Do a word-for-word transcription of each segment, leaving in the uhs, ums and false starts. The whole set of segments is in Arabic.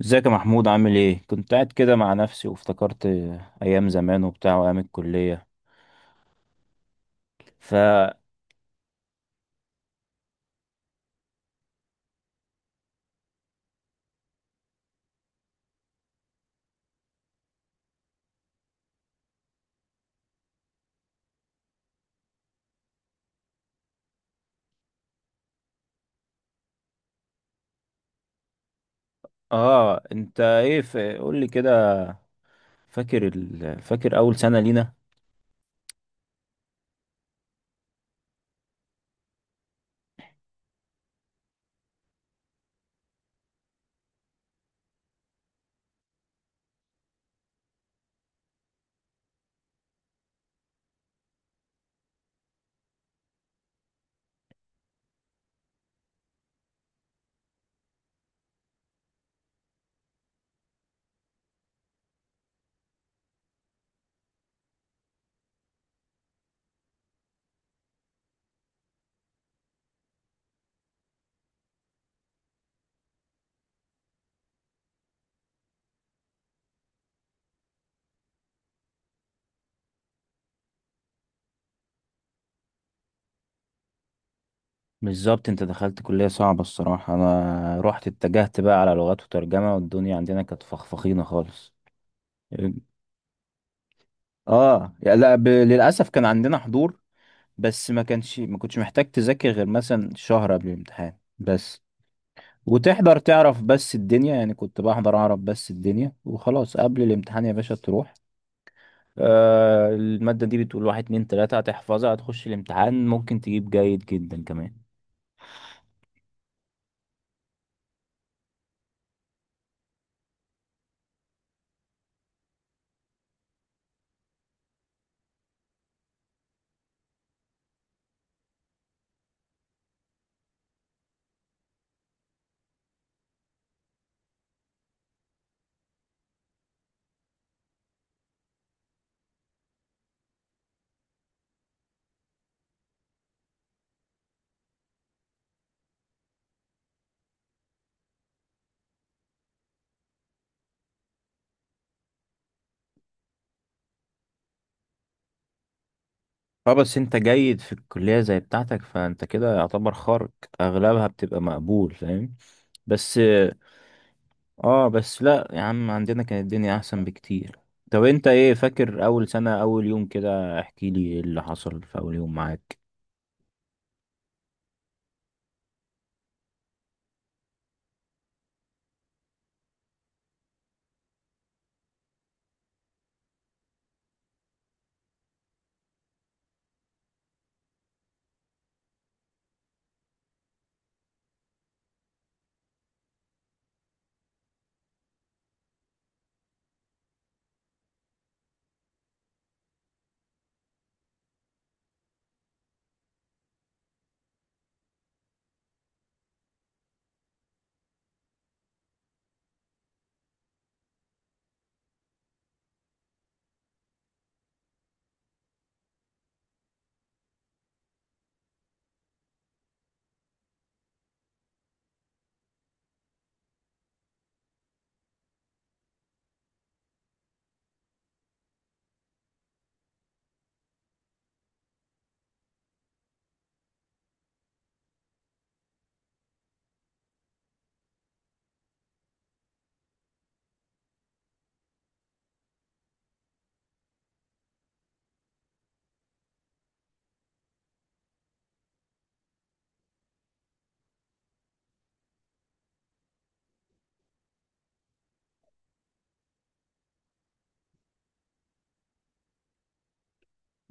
ازيك يا محمود، عامل ايه؟ كنت قاعد كده مع نفسي وافتكرت ايام زمان وبتاع وايام الكلية. فا اه، انت ايه؟ ف... قول لي كده. فاكر ال... فاكر اول سنة لينا؟ بالظبط، انت دخلت كلية صعبة. الصراحة انا رحت اتجهت بقى على لغات وترجمة، والدنيا عندنا كانت فخفخينة خالص. اه يا لا، ب... للاسف كان عندنا حضور، بس ما كانش ما كنتش محتاج تذاكر غير مثلا شهر قبل الامتحان بس. وتحضر تعرف بس الدنيا، يعني كنت بحضر اعرف بس الدنيا وخلاص. قبل الامتحان يا باشا تروح، آه، المادة دي بتقول واحد اتنين تلاتة، هتحفظها هتخش الامتحان ممكن تجيب جيد جدا كمان. اه بس انت جيد في الكلية زي بتاعتك، فانت كده يعتبر خارج، اغلبها بتبقى مقبول فاهم. بس. اه، بس لا يا عم، عندنا كانت الدنيا احسن بكتير. طب انت ايه فاكر اول سنة اول يوم كده؟ احكي لي ايه اللي حصل في اول يوم معاك.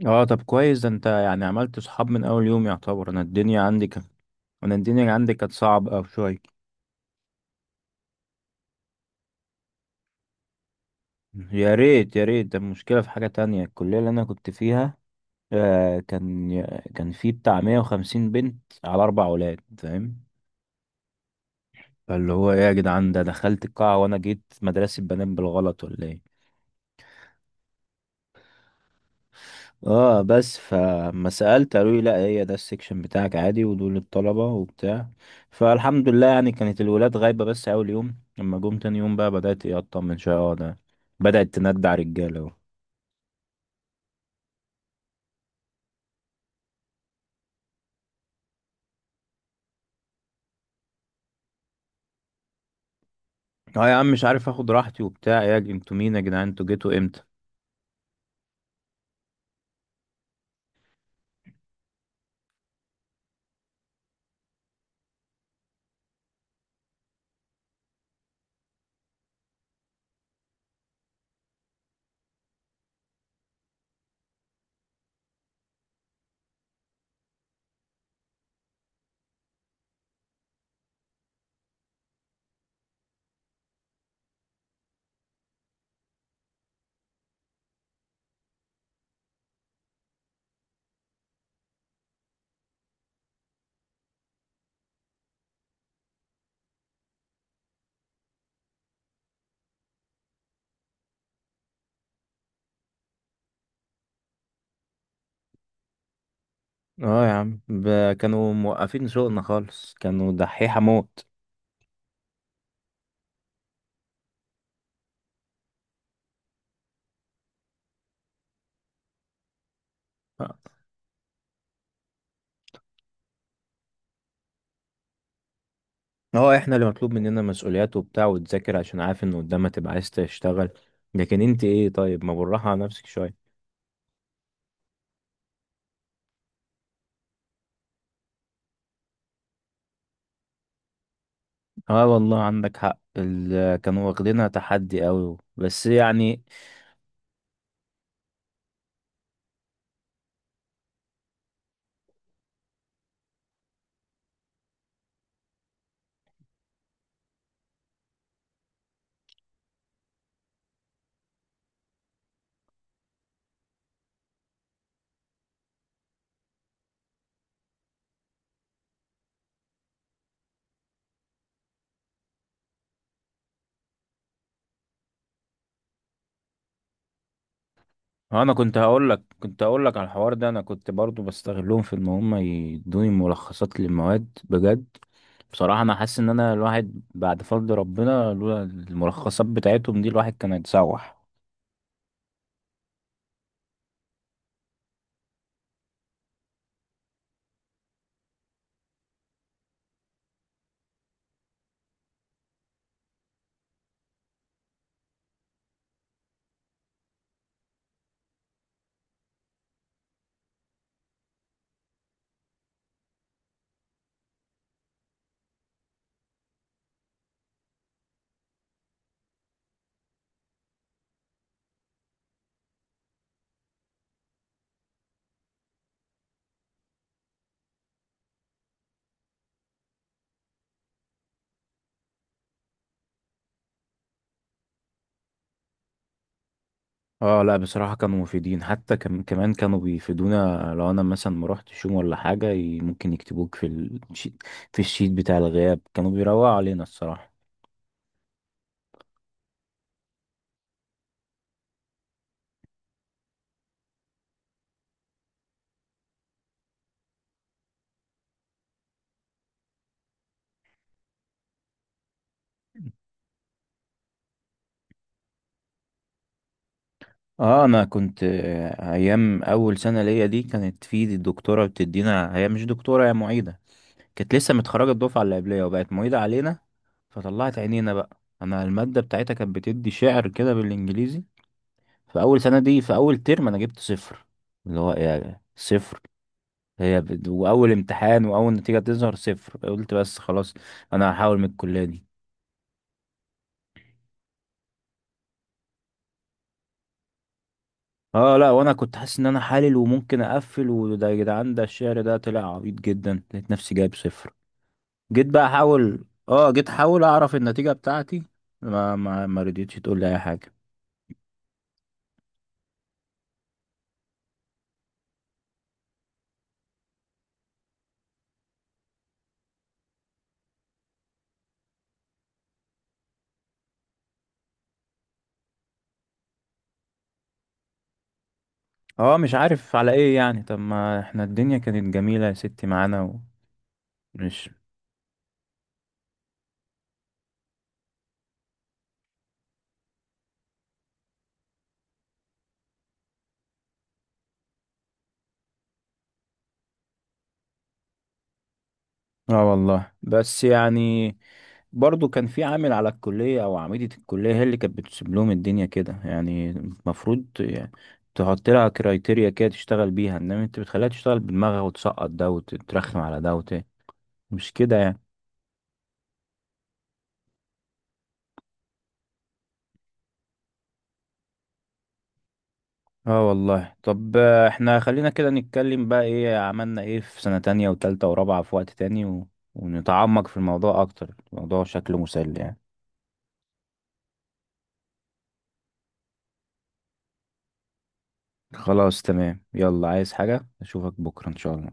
اه طب كويس، ده انت يعني عملت صحاب من اول يوم يعتبر. انا الدنيا عندي كان انا الدنيا عندي كانت صعبة او شوية. يا ريت يا ريت، ده المشكلة في حاجة تانية، الكلية اللي انا كنت فيها. آه، كان كان في بتاع مئة وخمسين بنت على اربع اولاد فاهم. فاللي هو ايه يا جدعان، ده دخلت القاعة وانا جيت مدرسة بنات بالغلط ولا ايه؟ اه بس فما سألت قالوا لي لا، هي ده السكشن بتاعك عادي، ودول الطلبة وبتاع. فالحمد لله، يعني كانت الولاد غايبة بس أول يوم. لما جم تاني يوم بقى بدأت ايه أطمن شوية. اه، ده بدأت تندع رجالة اهو. اه يا عم مش عارف اخد راحتي وبتاع. يا ج- انتوا مين يا جدعان؟ انتوا جيتوا امتى؟ اه يا عم، ب- كانوا موقفين شغلنا خالص، كانوا دحيحة موت. اه احنا اللي مطلوب مننا مسؤوليات وبتاع وتذاكر عشان عارف ان قدامك تبقى عايز تشتغل. لكن انت ايه طيب ما بالراحة على نفسك شوية. اه والله عندك حق، ال- كانوا واخدينها تحدي قوي بس يعني. هو انا كنت هقول لك كنت هقول لك على الحوار ده، انا كنت برضو بستغلهم في ان هم يدوني ملخصات للمواد بجد. بصراحة انا حاسس ان انا الواحد، بعد فضل ربنا، لولا الملخصات بتاعتهم دي الواحد كان هيتسوح. اه لا بصراحة كانوا مفيدين حتى، كم كمان كانوا بيفيدونا. لو انا مثلا ما روحتش يوم ولا حاجة ي- ممكن يكتبوك في الشيت، في الشيت بتاع الغياب كانوا بيروقوا علينا الصراحة. اه انا كنت، آه، ايام اول سنه ليا دي كانت في الدكتوره بتدينا، هي مش دكتوره هي معيده. كانت لسه متخرجه الدفعه اللي قبليه وبقت معيده علينا. فطلعت عينينا بقى، انا الماده بتاعتها كانت بتدي شعر كده بالانجليزي. في اول سنه دي في اول ترم انا جبت صفر. اللي هو ايه صفر؟ هي بد... واول امتحان واول نتيجه تظهر صفر، قلت بس خلاص انا هحاول من الكليه دي. اه لا، وانا كنت حاسس ان انا حالل وممكن اقفل، وده يا جدعان ده الشعر ده طلع عبيط جدا، لقيت نفسي جايب صفر. جيت بقى احاول اه جيت احاول اعرف النتيجة بتاعتي. ما ما ما رضيتش تقول لي اي حاجة. اه مش عارف على ايه يعني. طب ما احنا الدنيا كانت جميلة يا ستي معانا. ومش، اه والله بس يعني. برضو كان في عامل على الكلية او عميدة الكلية هي اللي كانت بتسيب لهم الدنيا كده، يعني المفروض يعني تحط لها كرايتيريا كده تشتغل بيها، انما انت بتخليها تشتغل بدماغها وتسقط ده وتترخم على ده وت... مش كده يعني. اه والله طب، آه، احنا خلينا كده نتكلم بقى ايه عملنا ايه في سنة تانية وتالتة ورابعة في وقت تاني، و... ونتعمق في الموضوع اكتر، الموضوع شكله مسلي يعني. خلاص تمام، يلا، عايز حاجة؟ اشوفك بكرة ان شاء الله.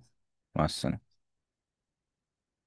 مع السلامة.